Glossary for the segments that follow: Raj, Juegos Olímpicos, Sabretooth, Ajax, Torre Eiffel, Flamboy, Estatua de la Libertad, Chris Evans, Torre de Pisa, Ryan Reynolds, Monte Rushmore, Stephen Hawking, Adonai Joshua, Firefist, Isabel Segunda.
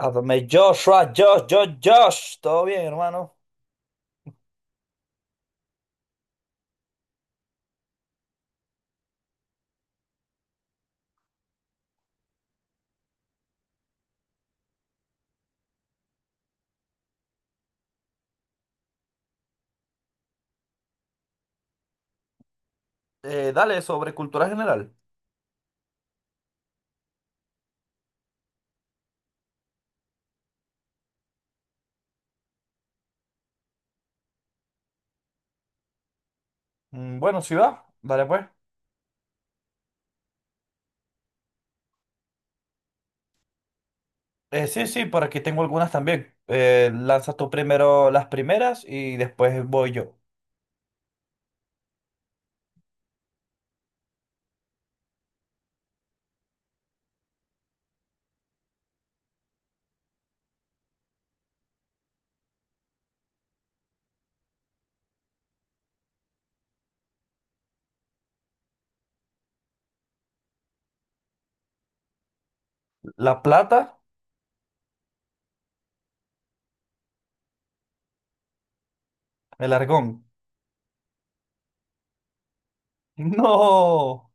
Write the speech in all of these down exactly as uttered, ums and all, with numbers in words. Adonai Joshua, Josh, Josh, Josh. Todo bien, hermano. Eh, dale, sobre cultura general. Mm, Bueno, sí va. Dale pues. Eh, sí, sí, por aquí tengo algunas también. Eh, lanzas tú primero las primeras y después voy yo. La plata, el argón. No,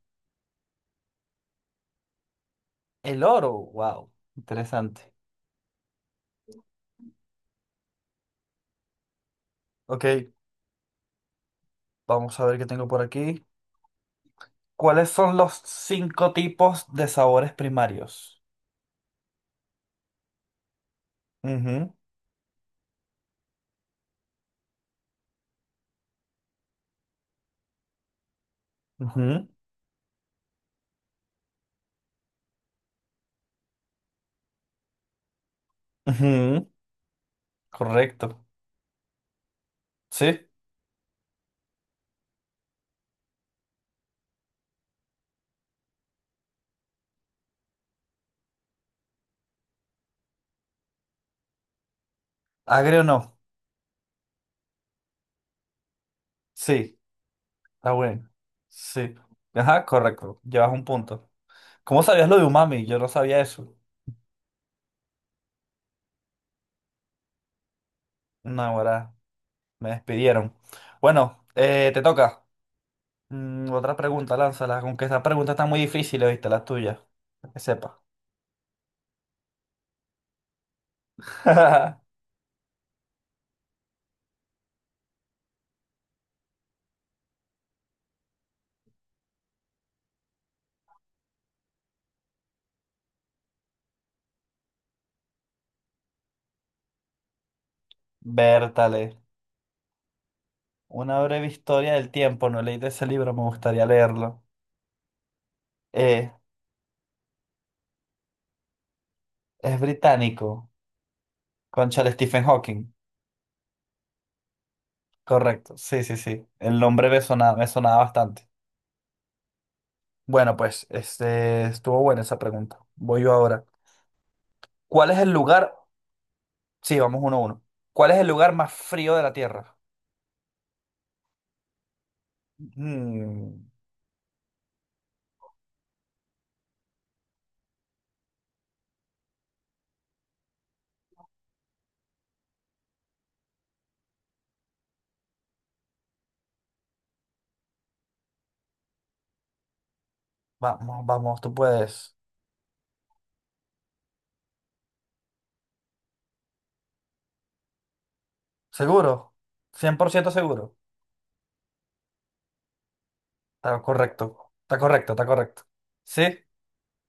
el oro. Wow, interesante. Ok, vamos a ver qué tengo por aquí. ¿Cuáles son los cinco tipos de sabores primarios? Ujú, ujú, ujú. Correcto. Sí. Agrio no. Sí, está bueno. Sí. Ajá, correcto. Llevas un punto. ¿Cómo sabías lo de umami? Yo no sabía eso. No, ahora me despidieron. Bueno, eh, te toca. Mm, otra pregunta, lánzala. Aunque esta pregunta está muy difícil, ¿viste? La tuya. Que sepa. Bertale. Una breve historia del tiempo. No leí de ese libro, me gustaría leerlo. Eh, es británico. Concha Stephen Hawking. Correcto. Sí, sí, sí. El nombre me sonaba, me sonaba bastante. Bueno, pues este, estuvo buena esa pregunta. Voy yo ahora. ¿Cuál es el lugar? Sí, vamos uno a uno. ¿Cuál es el lugar más frío de la Tierra? Mm, vamos, vamos, tú puedes. ¿Seguro? ¿Cien por ciento seguro? Está correcto. Está correcto, está correcto. ¿Sí?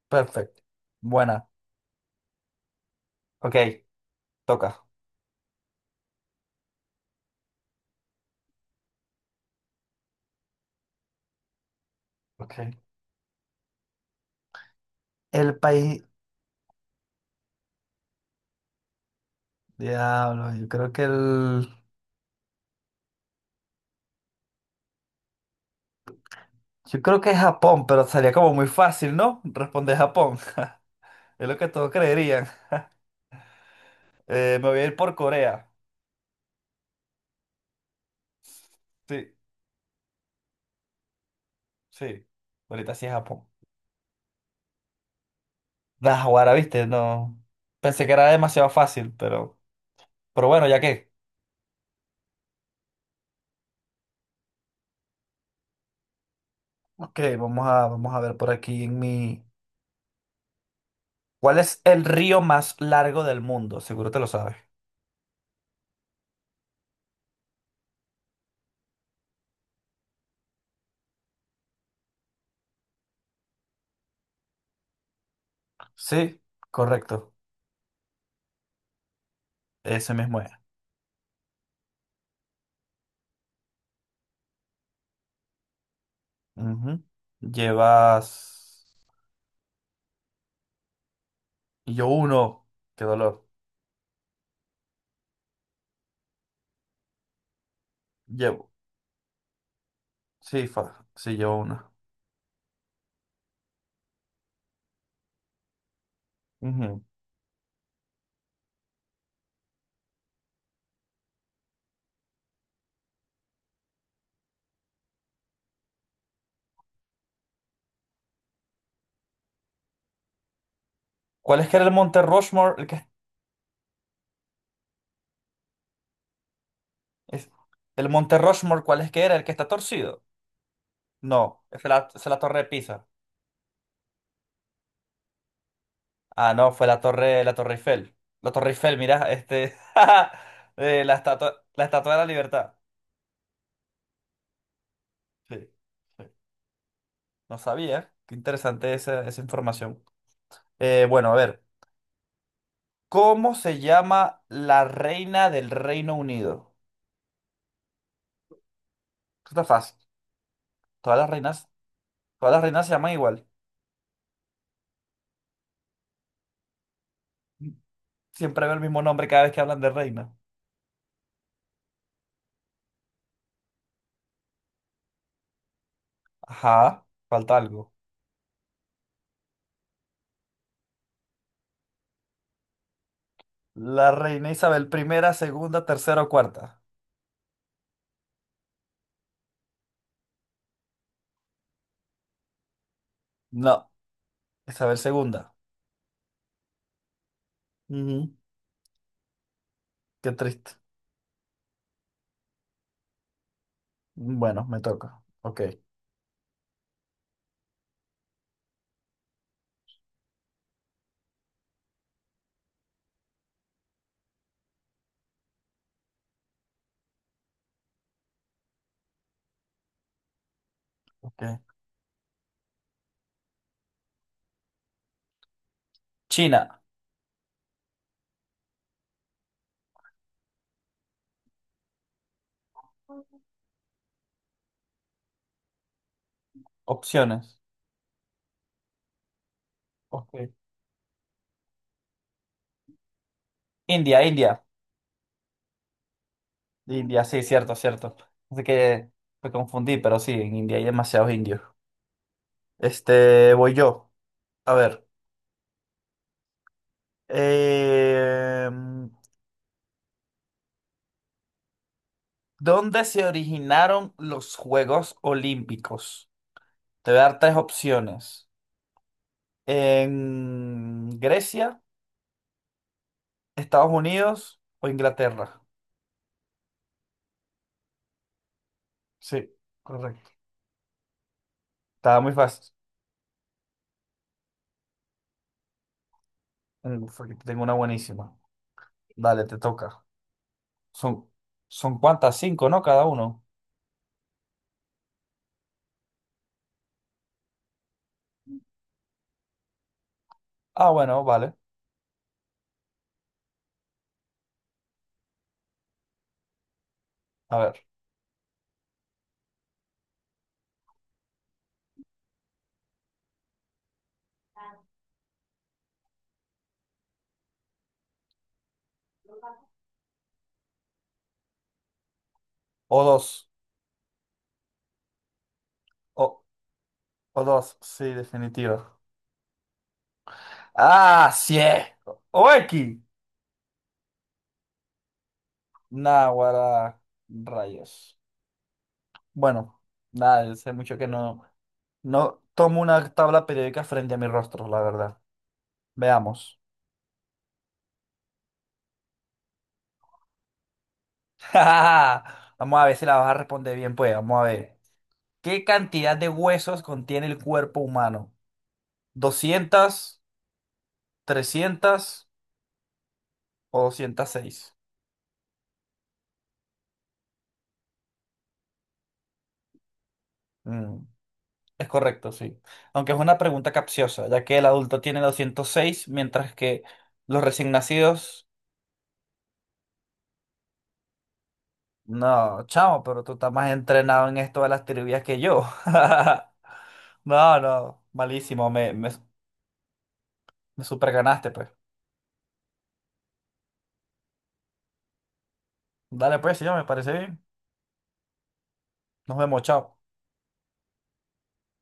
Perfecto. Buena. Ok, toca. Ok. El país... Diablo, yo creo que el... Yo creo que es Japón, pero sería como muy fácil, ¿no? Responder Japón. Es lo que todos creerían. Eh, me voy a ir por Corea. Sí, sí. Ahorita sí es Japón. Da, ahora, viste, no. Pensé que era demasiado fácil, pero, pero bueno, ya que. Ok, vamos a, vamos a ver por aquí en mi. ¿Cuál es el río más largo del mundo? Seguro te lo sabes. Sí, correcto. Ese mismo es. Ujú. Llevas. Y yo uno. Qué dolor. Llevo. Sí, fa... sí, llevo uno. Ujú. ¿Cuál es que era el Monte Rushmore? El que... es- El Monte Rushmore, ¿cuál es que era? El que está torcido. No, es la, es la Torre de Pisa. Ah, no, fue la Torre, la Torre Eiffel. La Torre Eiffel, mira, este, eh, la estatua, la Estatua de la Libertad. Sí, sí. No sabía. Qué interesante esa, esa información. Eh, bueno, a ver, ¿cómo se llama la reina del Reino Unido? Esto está fácil. Todas las reinas, Todas las reinas se llaman igual. Siempre veo el mismo nombre cada vez que hablan de reina. Ajá, falta algo. La reina Isabel primera, segunda, tercera o cuarta. No, Isabel segunda. Ujú. Qué triste. Bueno, me toca. Ok, ok. China, opciones. Ok. India, India. India, sí, cierto, cierto. Así que me confundí, pero sí, en India hay demasiados indios. Este, voy yo. A ver. eh, ¿Dónde se originaron los Juegos Olímpicos? Te voy a dar tres opciones. ¿En Grecia, Estados Unidos o Inglaterra? Sí, correcto. Estaba muy fácil. Mm, fue que tengo una buenísima. Dale, te toca. Son, Son cuántas, cinco, ¿no? Cada uno. Ah, bueno, vale. A ver. O dos. O, o dos, sí, definitivo. Ah, sí. O X. Náguara. Rayos. Bueno, nada, sé mucho que no, no tomo una tabla periódica frente a mi rostro, la verdad. Veamos. Vamos a ver si la vas a responder bien, pues. Vamos a ver. ¿Qué cantidad de huesos contiene el cuerpo humano? ¿doscientos, trescientos o doscientos seis? Mm, es correcto, sí. Aunque es una pregunta capciosa, ya que el adulto tiene doscientos seis mientras que los recién nacidos... No, chamo, pero tú estás más entrenado en esto de las trivias que yo. No, no, malísimo, me, me, me superganaste, pues. Dale, pues, sí, me parece bien. Nos vemos, chao.